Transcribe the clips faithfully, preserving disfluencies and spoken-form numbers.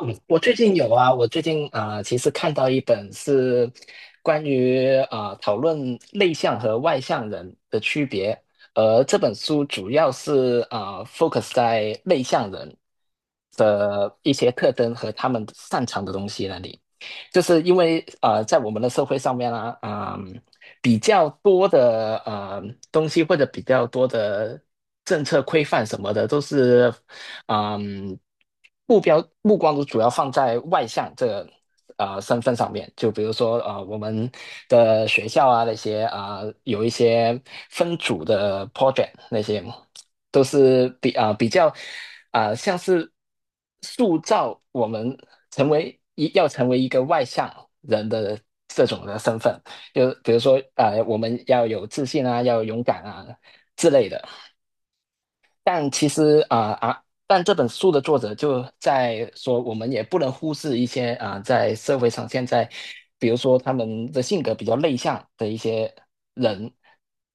嗯，我最近有啊，我最近啊、呃其实看到一本是关于啊、呃讨论内向和外向人的区别，而这本书主要是啊、呃 focus 在内向人的一些特征和他们擅长的东西那里。就是因为啊，在我们的社会上面呢、啊，嗯、比较多的呃东西，或者比较多的政策规范什么的，都是嗯，目标目光都主要放在外向这个呃身份上面，就比如说呃我们的学校啊那些啊、呃有一些分组的 project 那些，都是比啊、呃比较啊、呃像是塑造我们成为一要成为一个外向人的这种的身份。就比如说呃我们要有自信啊，要勇敢啊之类的。但其实啊啊、但这本书的作者就在说，我们也不能忽视一些啊、在社会上，现在比如说他们的性格比较内向的一些人，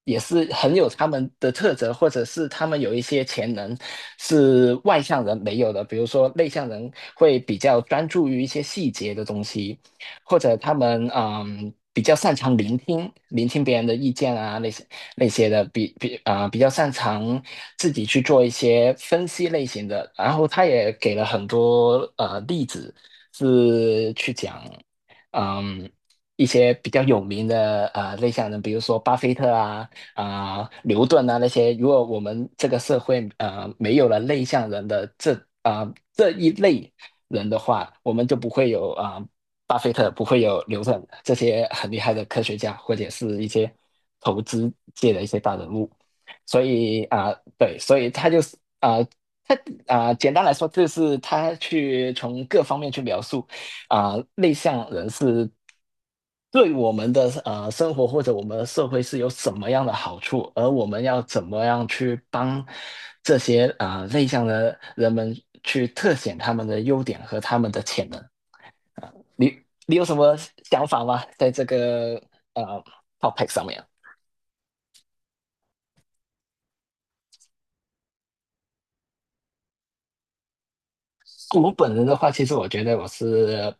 也是很有他们的特质，或者是他们有一些潜能是外向人没有的。比如说内向人会比较专注于一些细节的东西，或者他们嗯。比较擅长聆听，聆听别人的意见啊，那些。那些的比比啊、比较擅长自己去做一些分析类型的。然后他也给了很多呃例子，是去讲嗯一些比较有名的呃内向人，比如说巴菲特啊啊、牛顿啊那些。如果我们这个社会呃没有了内向人的这啊、这一类人的话，我们就不会有啊、巴菲特，不会有牛顿这些很厉害的科学家，或者是一些投资界的一些大人物。所以啊、对，所以他就是啊、他啊、简单来说，就是他去从各方面去描述啊、内向人是对我们的呃生活或者我们的社会是有什么样的好处，而我们要怎么样去帮这些啊、内向的人们去特显他们的优点和他们的潜能。你你有什么想法吗？在这个呃 topic 上面。我本人的话，其实我觉得我是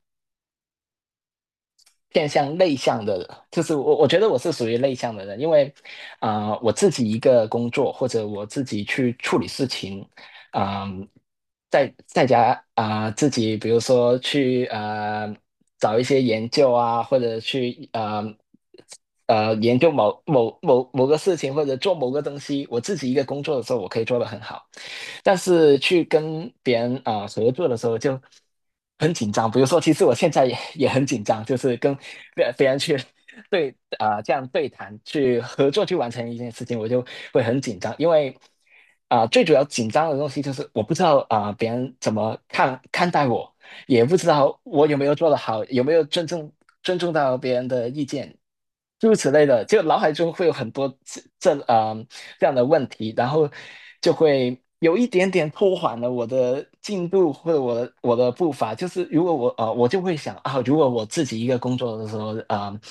偏向内向的人。就是我我觉得我是属于内向的人，因为啊、呃我自己一个工作，或者我自己去处理事情，嗯，在在家啊、自己比如说去呃找一些研究啊，或者去呃呃研究某某某某个事情，或者做某个东西，我自己一个工作的时候，我可以做得很好。但是去跟别人啊、呃合作的时候就很紧张。比如说，其实我现在也也很紧张，就是跟别别人去对啊、呃这样对谈去合作去完成一件事情，我就会很紧张。因为啊、呃最主要紧张的东西就是我不知道啊、呃别人怎么看看待我，也不知道我有没有做得好，有没有尊重尊重到别人的意见，诸如此类的。就脑海中会有很多这这啊、呃这样的问题，然后就会有一点点拖缓了我的进度或者我的我的步伐。就是如果我啊，我就会想啊，如果我自己一个工作的时候啊、呃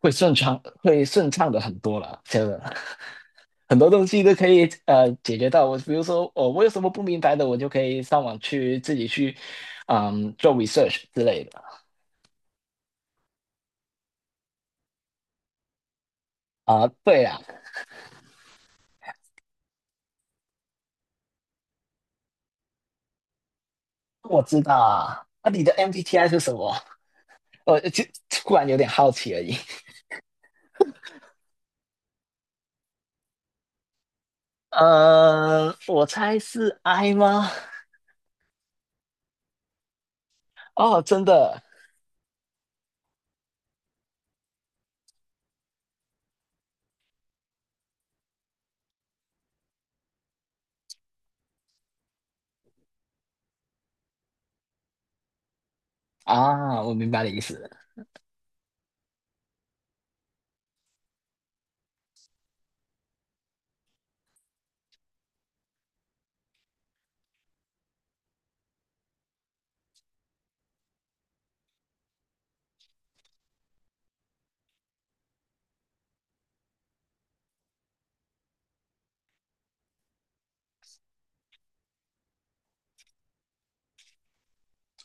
会顺畅，会顺畅的很多了。真的，很多东西都可以呃解决到。我比如说，哦，我有什么不明白的，我就可以上网去自己去，嗯，做 research 之类的。啊、对啊，我知道啊。那、你的 M B T I 是什么？我就突然有点好奇而已。嗯、我猜是 I 吗？哦，真的啊，我明白你的意思。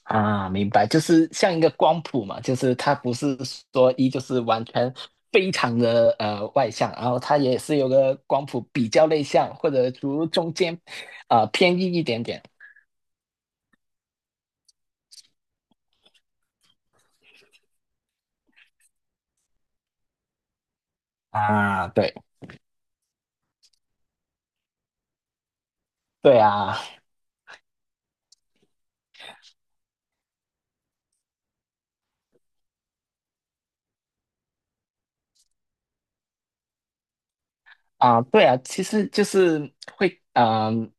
啊，明白，就是像一个光谱嘛，就是他不是说一就是完全非常的呃外向，然后他也是有个光谱比较内向，或者除中间啊、呃偏硬一点点啊，对对啊。啊，对啊，其实就是会，嗯、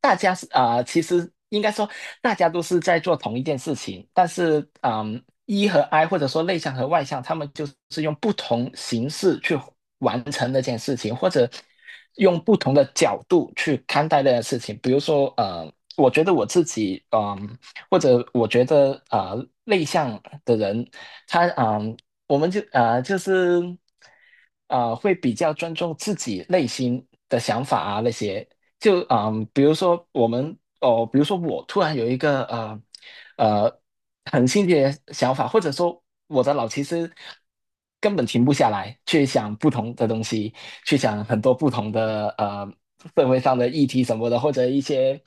大家是啊、呃其实应该说大家都是在做同一件事情。但是，嗯、e 和 I， 或者说内向和外向，他们就是用不同形式去完成那件事情，或者用不同的角度去看待那件事情。比如说，呃，我觉得我自己，嗯、或者我觉得，呃，内向的人，他，嗯、我们就啊、就是啊、会比较尊重自己内心的想法啊那些。就啊、比如说我们哦，比如说我突然有一个呃呃很新奇的想法，或者说我的脑其实根本停不下来，去想不同的东西，去想很多不同的呃社会上的议题什么的，或者一些。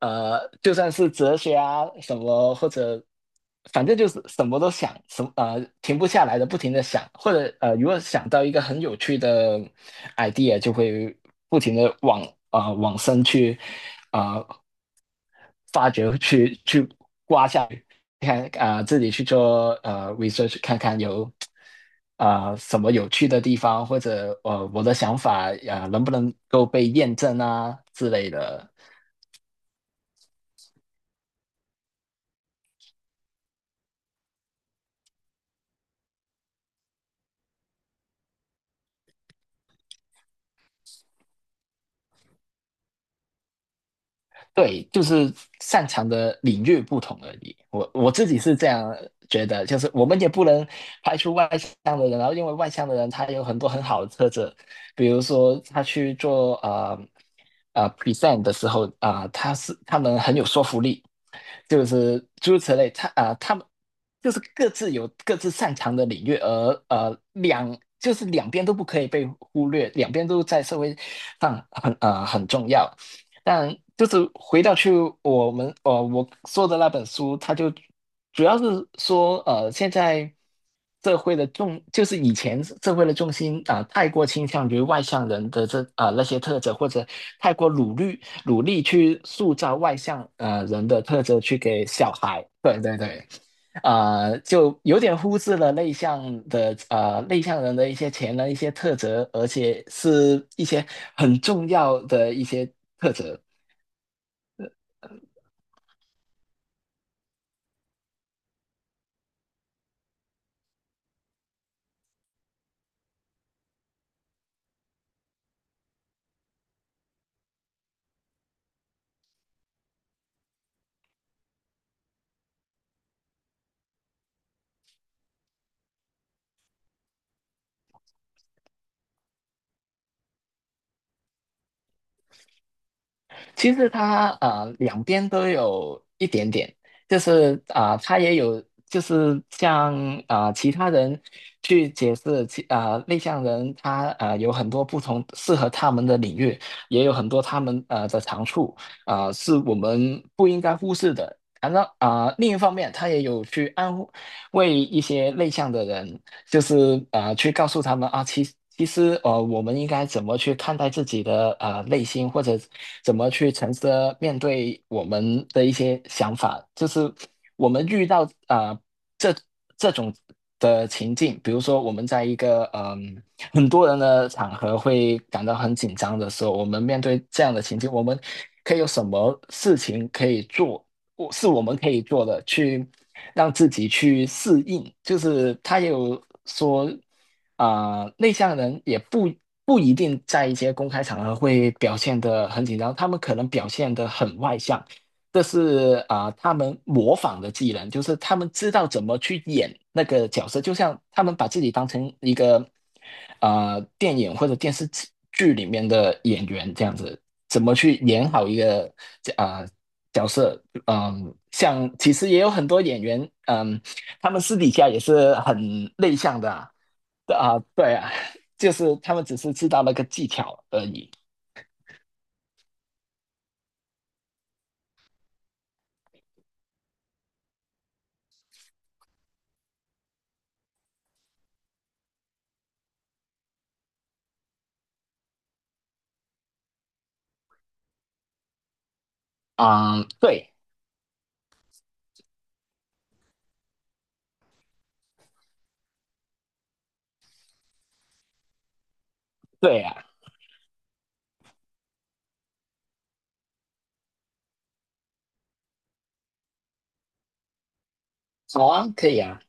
呃，就算是哲学啊什么，或者反正就是什么都想，什么呃停不下来的，不停的想。或者呃如果想到一个很有趣的 idea，就会不停的往呃往深去啊、呃发掘，去去刮下去，看啊、呃自己去做呃 research，看看有啊、呃什么有趣的地方，或者呃我的想法啊、呃能不能够被验证啊之类的。对，就是擅长的领域不同而已。我我自己是这样觉得，就是我们也不能排除外向的人。然后因为外向的人他有很多很好的特质，比如说他去做呃呃 present 的时候啊、呃他是他们很有说服力，就是诸如此类。他啊、呃他们就是各自有各自擅长的领域。而呃两就是两边都不可以被忽略，两边都在社会上很呃很重要。但就是回到去我们呃我说的那本书，它就主要是说呃现在社会的重就是以前社会的重心啊、太过倾向于外向人的这啊、那些特质，或者太过努力努力去塑造外向呃人的特质去给小孩，对对对。啊、就有点忽视了内向的呃内向人的一些潜能、一些特质，而且是一些很重要的一些特质。其实他啊，两边都有一点点。就是啊、他也有就是像啊、其他人去解释其啊、内向人他啊有很多不同适合他们的领域，也有很多他们呃的长处啊、是我们不应该忽视的。反正啊、另一方面，他也有去安慰一些内向的人。就是啊，去告诉他们啊，其其实呃，我们应该怎么去看待自己的呃内心，或者怎么去诚实的面对我们的一些想法。就是我们遇到啊这这种的情境。比如说我们在一个嗯、很多人的场合会感到很紧张的时候，我们面对这样的情境，我们可以有什么事情可以做？我是我们可以做的，去让自己去适应。就是他也有说，啊、内向人也不不一定在一些公开场合会表现得很紧张，他们可能表现得很外向。这是啊、他们模仿的技能，就是他们知道怎么去演那个角色，就像他们把自己当成一个啊、电影或者电视剧剧里面的演员这样子。怎么去演好一个啊、角色。嗯，像其实也有很多演员，嗯，他们私底下也是很内向的啊。对啊，对啊 就是他们只是知道那个技巧而已。啊，对，对啊，好啊，可以啊。